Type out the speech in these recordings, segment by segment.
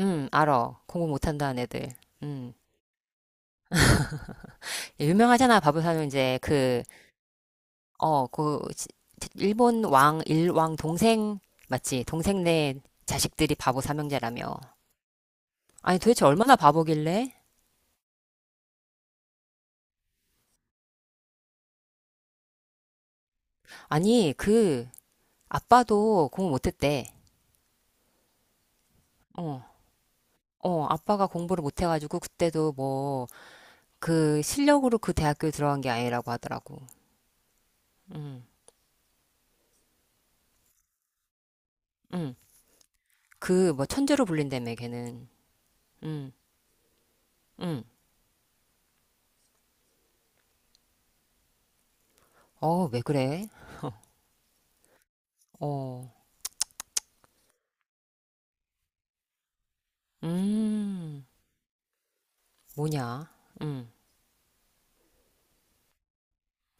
알어. 공부 못한다 한 애들. 음. 유명하잖아. 바보사는 이제 그, 그, 일왕 동생, 맞지? 동생네 자식들이 바보 삼형제라며. 아니, 도대체 얼마나 바보길래? 아니, 그, 아빠도 공부 못했대. 어, 어, 아빠가 공부를 못해가지고, 그때도 뭐, 그, 실력으로 그 대학교에 들어간 게 아니라고 하더라고. 음, 음. 그, 뭐, 천재로 불린다며, 걔는. 음, 음. 어, 왜 그래? 어. 음, 뭐냐? 음,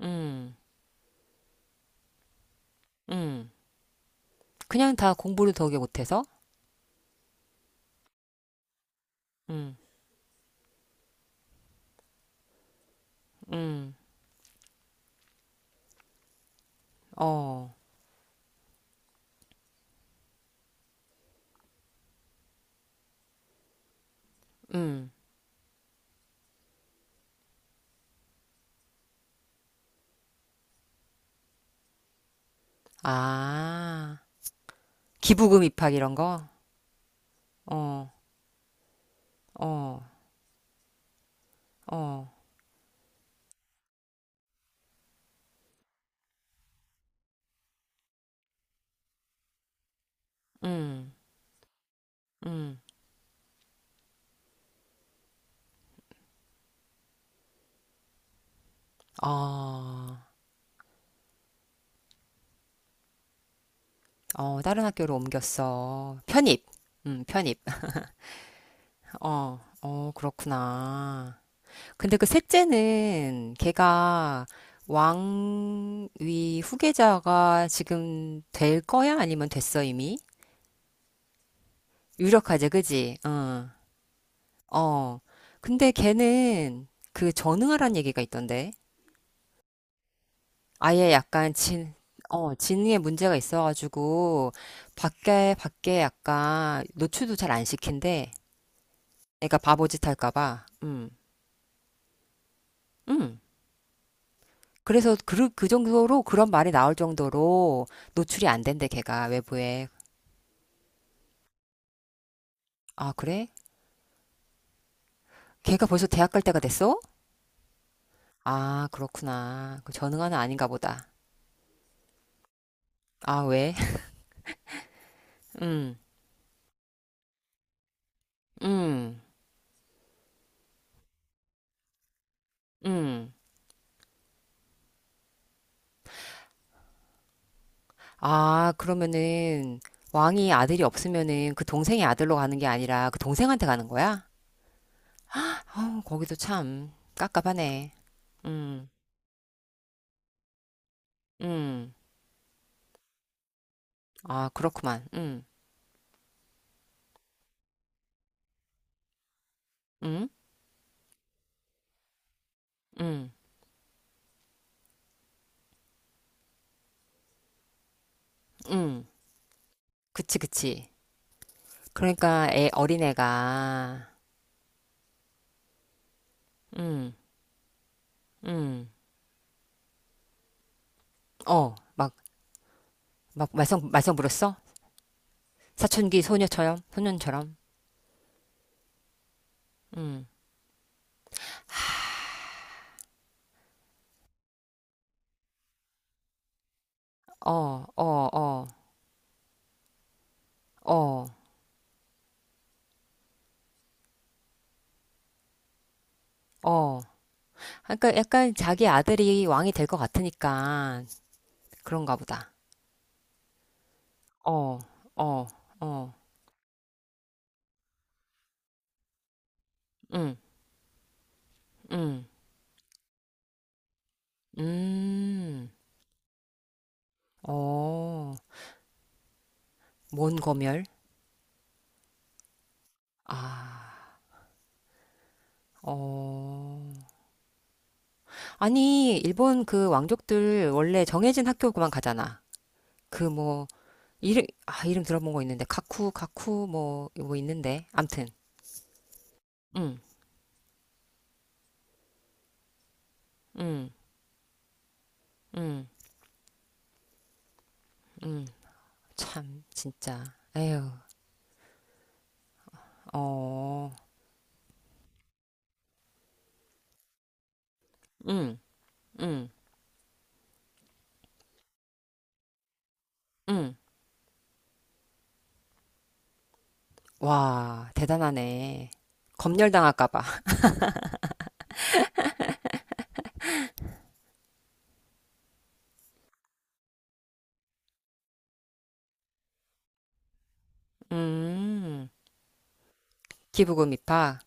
음, 음. 그냥 다 공부를 더게 못해서? 음, 음, 어, 음. 아, 기부금 입학 이런 거? 어, 어, 어, 음, 음. 어, 어, 다른 학교로 옮겼어. 편입. 편입. 어, 어, 그렇구나. 근데 그 셋째는 걔가 왕위 후계자가 지금 될 거야? 아니면 됐어, 이미? 유력하지, 그지? 어. 어. 근데 걔는 그 전응하란 얘기가 있던데. 아예 약간 지능에 문제가 있어가지고 밖에 약간 노출도 잘 안 시킨대. 애가 바보짓 할까 봐. 음. 음. 그래서 그 정도로 그런 말이 나올 정도로 노출이 안 된대, 걔가 외부에. 아, 그래? 걔가 벌써 대학 갈 때가 됐어? 아, 그렇구나. 그 전응아는 아닌가 보다. 아, 왜? 음, 음, 음. 아, 그러면은 왕이 아들이 없으면은 그 동생의 아들로 가는 게 아니라 그 동생한테 가는 거야? 아, 거기도 참 깝깝하네. 음, 음. 아, 그렇구만. 음, 음, 음. 그치, 그치. 그러니까 애 어린애가, 음, 음. 어, 막 말썽 말썽 부렸어? 사춘기 소녀처럼 소년처럼. 음. 어, 어, 어. 어. 어. 그러니까 약간 자기 아들이 왕이 될 것 같으니까 그런가 보다. 어. 어. 어. 음. 음. 음. 어. 뭔 검열? 아. 어. 아니, 일본 그 왕족들 원래 정해진 학교만 가잖아. 그 뭐 이름 들어본 거 있는데 가쿠 뭐 있는데 암튼. 음, 음, 음, 음, 참 진짜, 에휴. 어음음음와. 대단하네. 검열당할까 봐. 음. 기부금 입학.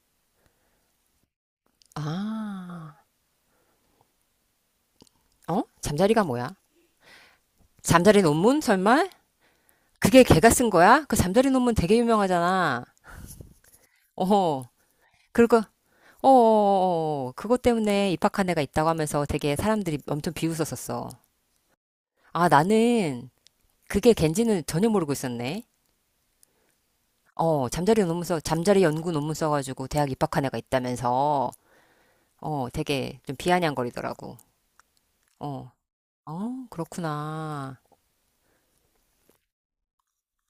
아, 어? 잠자리가 뭐야? 잠자리 논문 설마? 그게 걔가 쓴 거야? 그 잠자리 논문 되게 유명하잖아. 어허. 그리고 그것 때문에 입학한 애가 있다고 하면서 되게 사람들이 엄청 비웃었었어. 아, 나는 그게 걘지는 전혀 모르고 있었네. 어, 잠자리 연구 논문 써가지고 대학 입학한 애가 있다면서, 어, 되게 좀 비아냥거리더라고. 어, 어, 그렇구나.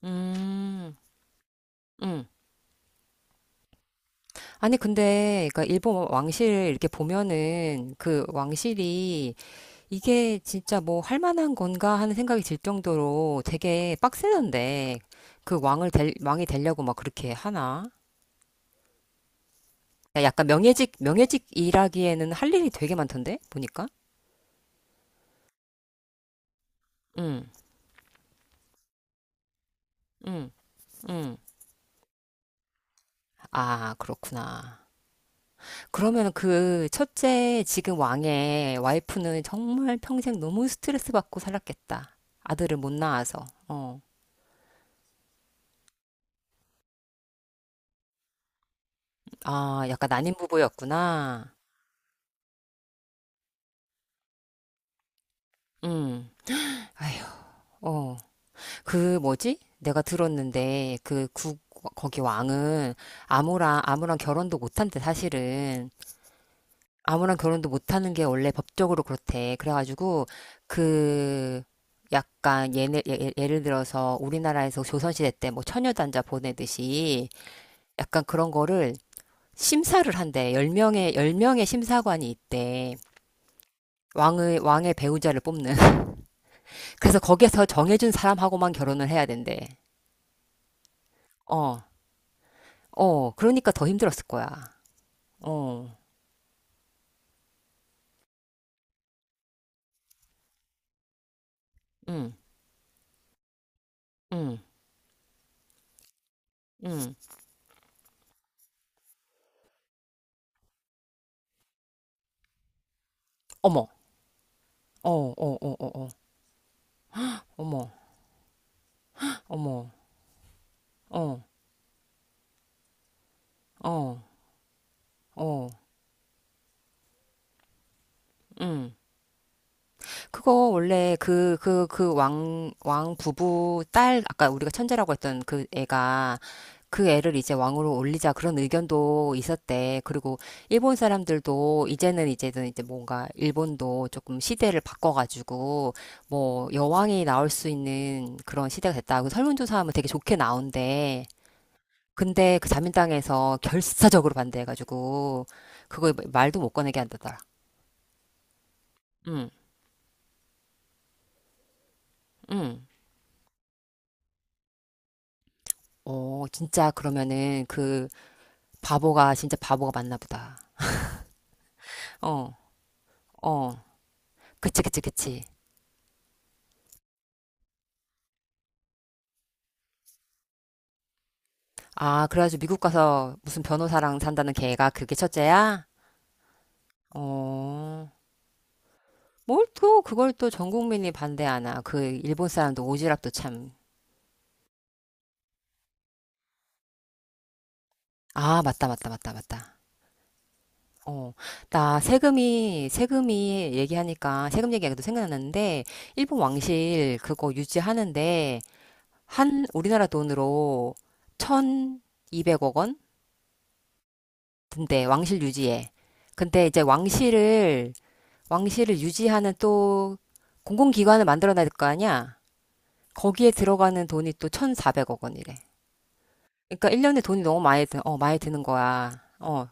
음, 음. 아니, 근데, 그니까 일본 왕실 이렇게 보면은 그 왕실이 이게 진짜 뭐 할 만한 건가 하는 생각이 들 정도로 되게 빡세던데, 왕이 되려고 막 그렇게 하나? 야, 약간 명예직 명예직 일하기에는 할 일이 되게 많던데 보니까. 응, 응, 응. 아, 그렇구나. 그러면 그 첫째 지금 왕의 와이프는 정말 평생 너무 스트레스 받고 살았겠다. 아들을 못 낳아서. 어. 아, 약간 난임 부부였구나. 응. 아휴. 어. 그 뭐지? 내가 들었는데 거기 왕은 아무랑 아무랑 결혼도 못한대 사실은. 아무랑 결혼도 못하는 게 원래 법적으로 그렇대. 그래가지고 그 약간 예를 들어서 우리나라에서 조선시대 때 뭐 처녀단자 보내듯이 약간 그런 거를 심사를 한대. 10명의 열 명의 심사관이 있대. 왕의 배우자를 뽑는. 그래서 거기에서 정해준 사람하고만 결혼을 해야 된대. 어. 어, 그러니까 더 힘들었을 거야. 어, 응, 응, 응. 어머, 어, 어, 어, 어, 어, 어머, 어머, 어, 어, 어, 응. 그거 원래 그 왕 부부 딸, 아까 우리가 천재라고 했던 그 애가 그 애를 이제 왕으로 올리자 그런 의견도 있었대. 그리고 일본 사람들도 이제 뭔가 일본도 조금 시대를 바꿔가지고 뭐 여왕이 나올 수 있는 그런 시대가 됐다. 그 설문조사하면 되게 좋게 나온대. 근데 그 자민당에서 결사적으로 반대해가지고 그거 말도 못 꺼내게 한다더라. 응, 응. 어, 진짜 그러면은 그 바보가 진짜 바보가 맞나 보다. 어, 어. 그치, 그치, 그치. 아, 그래가지고 미국 가서 무슨 변호사랑 산다는 걔가 그게 첫째야? 어, 뭘 또 그걸 또 전 국민이 반대하나. 그 일본 사람도 오지랖도 참. 아, 맞다, 맞다, 맞다, 맞다. 어, 나 세금이 얘기하니까, 세금 얘기하기도 생각났는데, 일본 왕실 그거 유지하는데, 한, 우리나라 돈으로 1200억 원? 근데 왕실 유지에. 근데 이제 왕실을 유지하는 또 공공기관을 만들어놔야 될 거 아니야? 거기에 들어가는 돈이 또 1,400억 원이래. 그러니까 1년에 돈이 너무 많이 드는 거야. 어,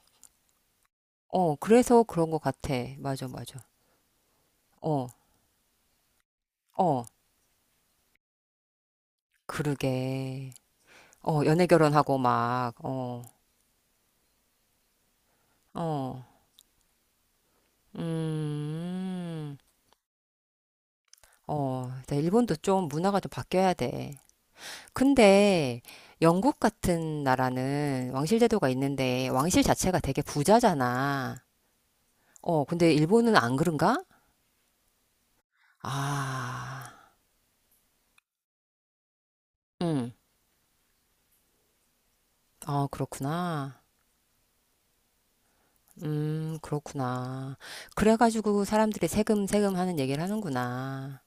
어, 그래서 그런 거 같아. 맞아, 맞아. 어, 어, 그러게. 어, 연애 결혼하고 막, 어, 어, 음, 어, 일본도 좀 문화가 좀 바뀌어야 돼. 근데 영국 같은 나라는 왕실 제도가 있는데 왕실 자체가 되게 부자잖아. 어, 근데 일본은 안 그런가? 아, 음, 아, 그렇구나. 그렇구나. 그래가지고 사람들이 세금, 세금 하는 얘기를 하는구나.